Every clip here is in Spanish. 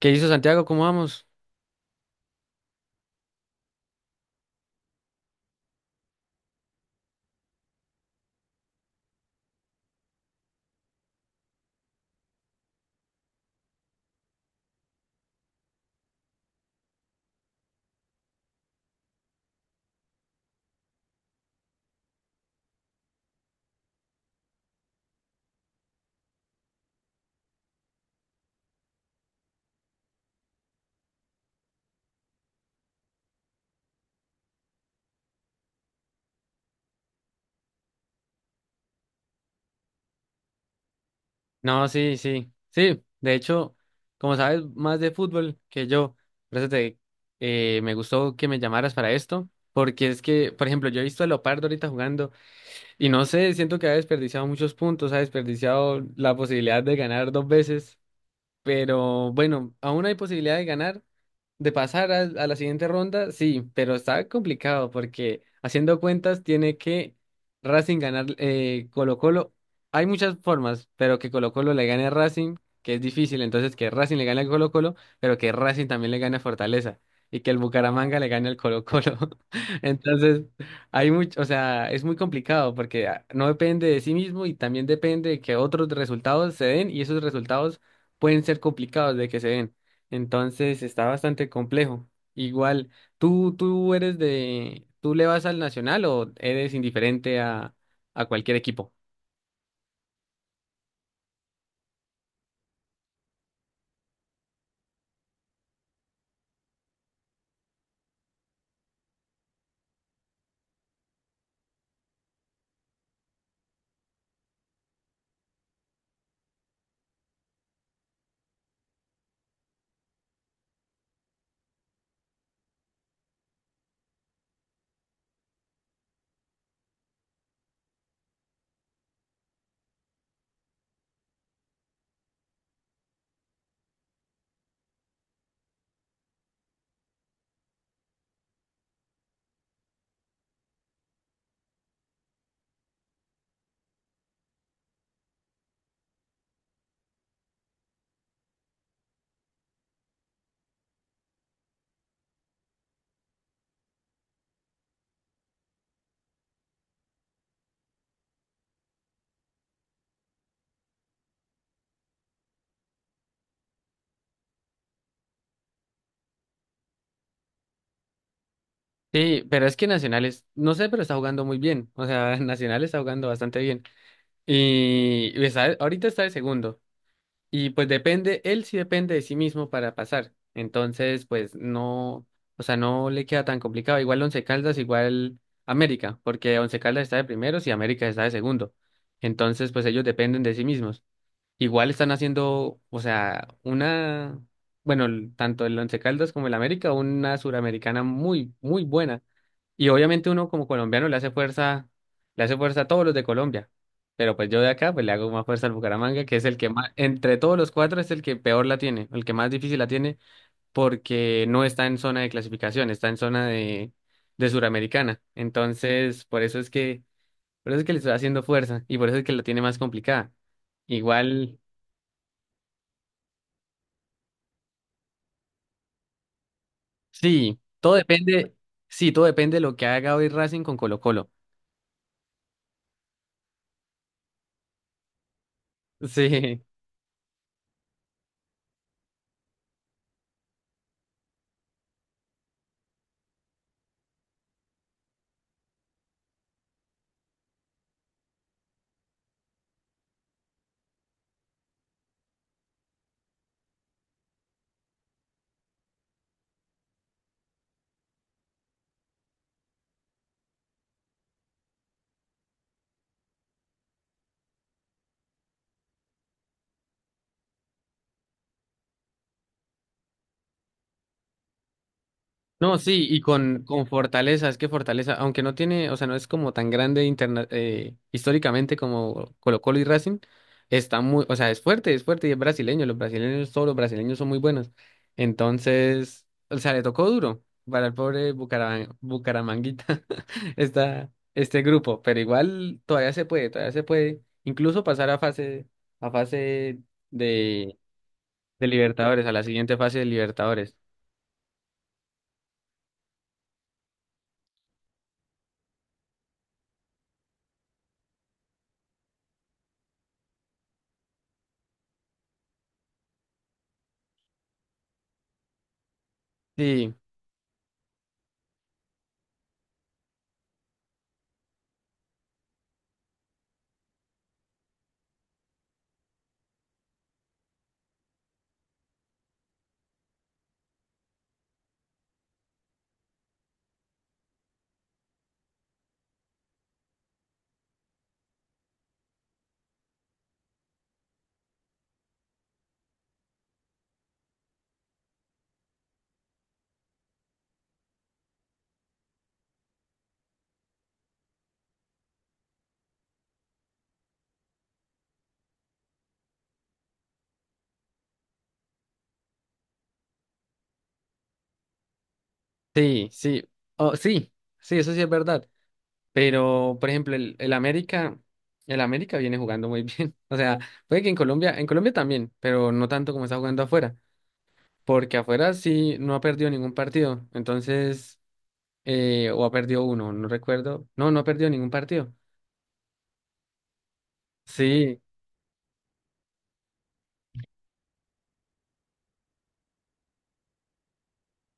¿Qué hizo Santiago? ¿Cómo vamos? No, sí, sí, sí. De hecho, como sabes más de fútbol que yo, por eso me gustó que me llamaras para esto, porque es que, por ejemplo, yo he visto a Leopardo ahorita jugando y no sé, siento que ha desperdiciado muchos puntos, ha desperdiciado la posibilidad de ganar dos veces. Pero bueno, aún hay posibilidad de ganar, de pasar a la siguiente ronda, sí, pero está complicado porque haciendo cuentas tiene que Racing ganar Colo-Colo. Hay muchas formas, pero que Colo-Colo le gane a Racing, que es difícil, entonces que Racing le gane a Colo-Colo, pero que Racing también le gane a Fortaleza y que el Bucaramanga le gane al Colo-Colo. Entonces, hay mucho, o sea, es muy complicado porque ah, no depende de sí mismo y también depende de que otros resultados se den y esos resultados pueden ser complicados de que se den. Entonces está bastante complejo. Igual, ¿tú eres de, tú le vas al Nacional o eres indiferente a cualquier equipo? Sí, pero es que Nacionales, no sé, pero está jugando muy bien. O sea, Nacional está jugando bastante bien. Y está- ahorita está de segundo. Y pues depende, él sí depende de sí mismo para pasar. Entonces, pues no, o sea, no le queda tan complicado. Igual Once Caldas, igual América, porque Once Caldas está de primeros y América está de segundo. Entonces, pues ellos dependen de sí mismos. Igual están haciendo, o sea, una, bueno, el- tanto el Once Caldas como el América, una suramericana muy, muy buena. Y obviamente uno como colombiano le hace fuerza a todos los de Colombia. Pero pues yo de acá pues le hago más fuerza al Bucaramanga, que es el que más, entre todos los cuatro es el que peor la tiene, el que más difícil la tiene, porque no está en zona de clasificación, está en zona de Suramericana. Entonces, por eso es que, por eso es que le estoy haciendo fuerza y por eso es que la tiene más complicada. Igual, sí, todo depende, sí, todo depende de lo que haga hoy Racing con Colo-Colo. Sí. No, sí, y con Fortaleza, es que Fortaleza, aunque no tiene, o sea, no es como tan grande históricamente como Colo-Colo y Racing, está muy, o sea, es fuerte y es brasileño, los brasileños, todos los brasileños son muy buenos. Entonces, o sea, le tocó duro para el pobre Bucaramanguita esta, este grupo, pero igual todavía se puede incluso pasar a fase de, de Libertadores, a la siguiente fase de Libertadores. Sí. Sí, sí, oh, sí, sí, eso sí es verdad. Pero, por ejemplo, el América, el América viene jugando muy bien. O sea, puede que en Colombia también, pero no tanto como está jugando afuera, porque afuera sí no ha perdido ningún partido. Entonces, o ha perdido uno, no recuerdo. No, no ha perdido ningún partido. Sí,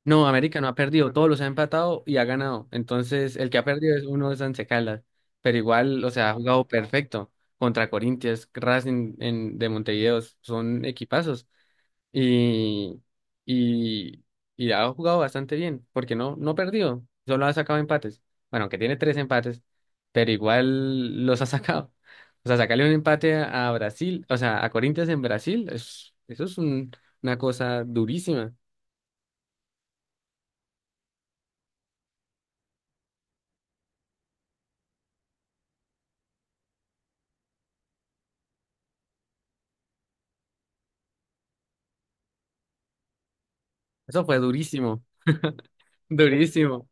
no, América no ha perdido, todos los ha empatado y ha ganado. Entonces, el que ha perdido es uno de Once Caldas, pero igual, o sea, ha jugado perfecto contra Corinthians, Racing en- de Montevideo, son equipazos y, y, y ha jugado bastante bien, porque no, no ha perdido, solo ha sacado empates. Bueno, que tiene tres empates, pero igual los ha sacado. O sea, sacarle un empate a Brasil, o sea, a Corinthians en Brasil, es- eso es un- una cosa durísima. Eso fue durísimo. Durísimo.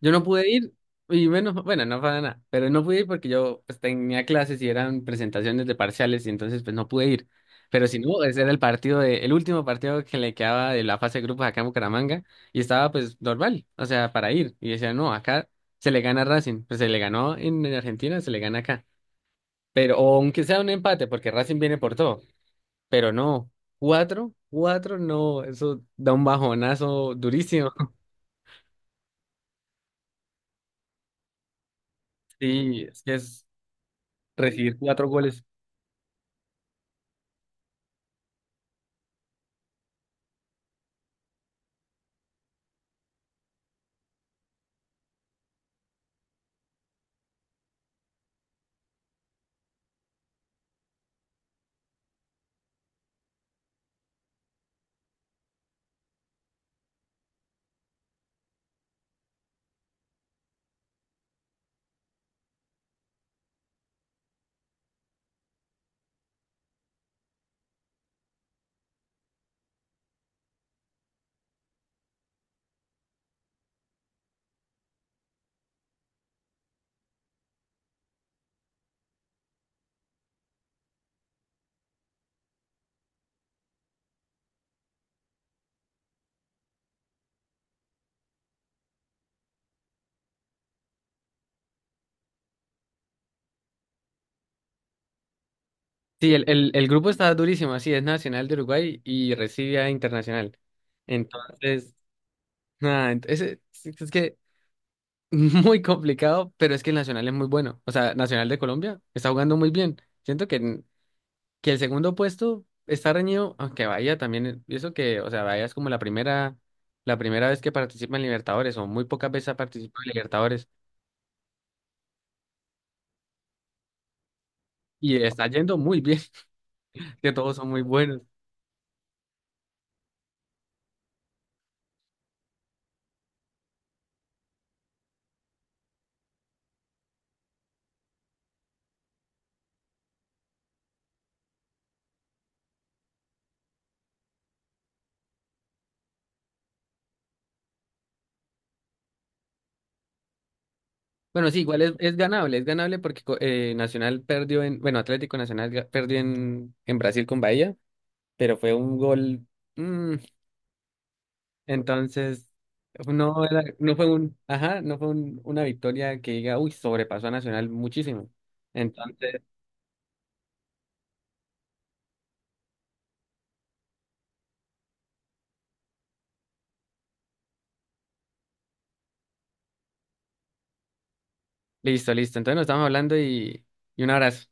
Yo no pude ir, y bueno, bueno, no para nada, pero no pude ir porque yo pues, tenía clases y eran presentaciones de parciales, y entonces pues no pude ir. Pero si no, ese era el partido de, el último partido que le quedaba de la fase de grupos acá en Bucaramanga, y estaba pues normal, o sea, para ir. Y decía, no, acá se le gana a Racing, pues se le ganó en Argentina, se le gana acá. Pero, o aunque sea un empate, porque Racing viene por todo, pero no, cuatro, cuatro, no, eso da un bajonazo durísimo. Sí, es que es recibir cuatro goles. Sí, el grupo está durísimo, así es Nacional de Uruguay y recibe a Internacional. Entonces, nada, ent- ese- es que muy complicado, pero es que el Nacional es muy bueno. O sea, Nacional de Colombia está jugando muy bien. Siento que, en- que el segundo puesto está reñido, aunque Bahía también, e-, y eso que, o sea, Bahía es como la primera vez que participa en Libertadores, o muy pocas veces ha participado en Libertadores, y está yendo muy bien, que todos son muy buenos. Bueno, sí, igual es ganable porque co- Nacional perdió en, bueno, Atlético Nacional ga- perdió en Brasil con Bahía, pero fue un gol, mm, entonces no era- no fue un, ajá, no fue un- una victoria que diga, uy, sobrepasó a Nacional muchísimo. Entonces, listo, listo. Entonces nos estamos hablando y un abrazo.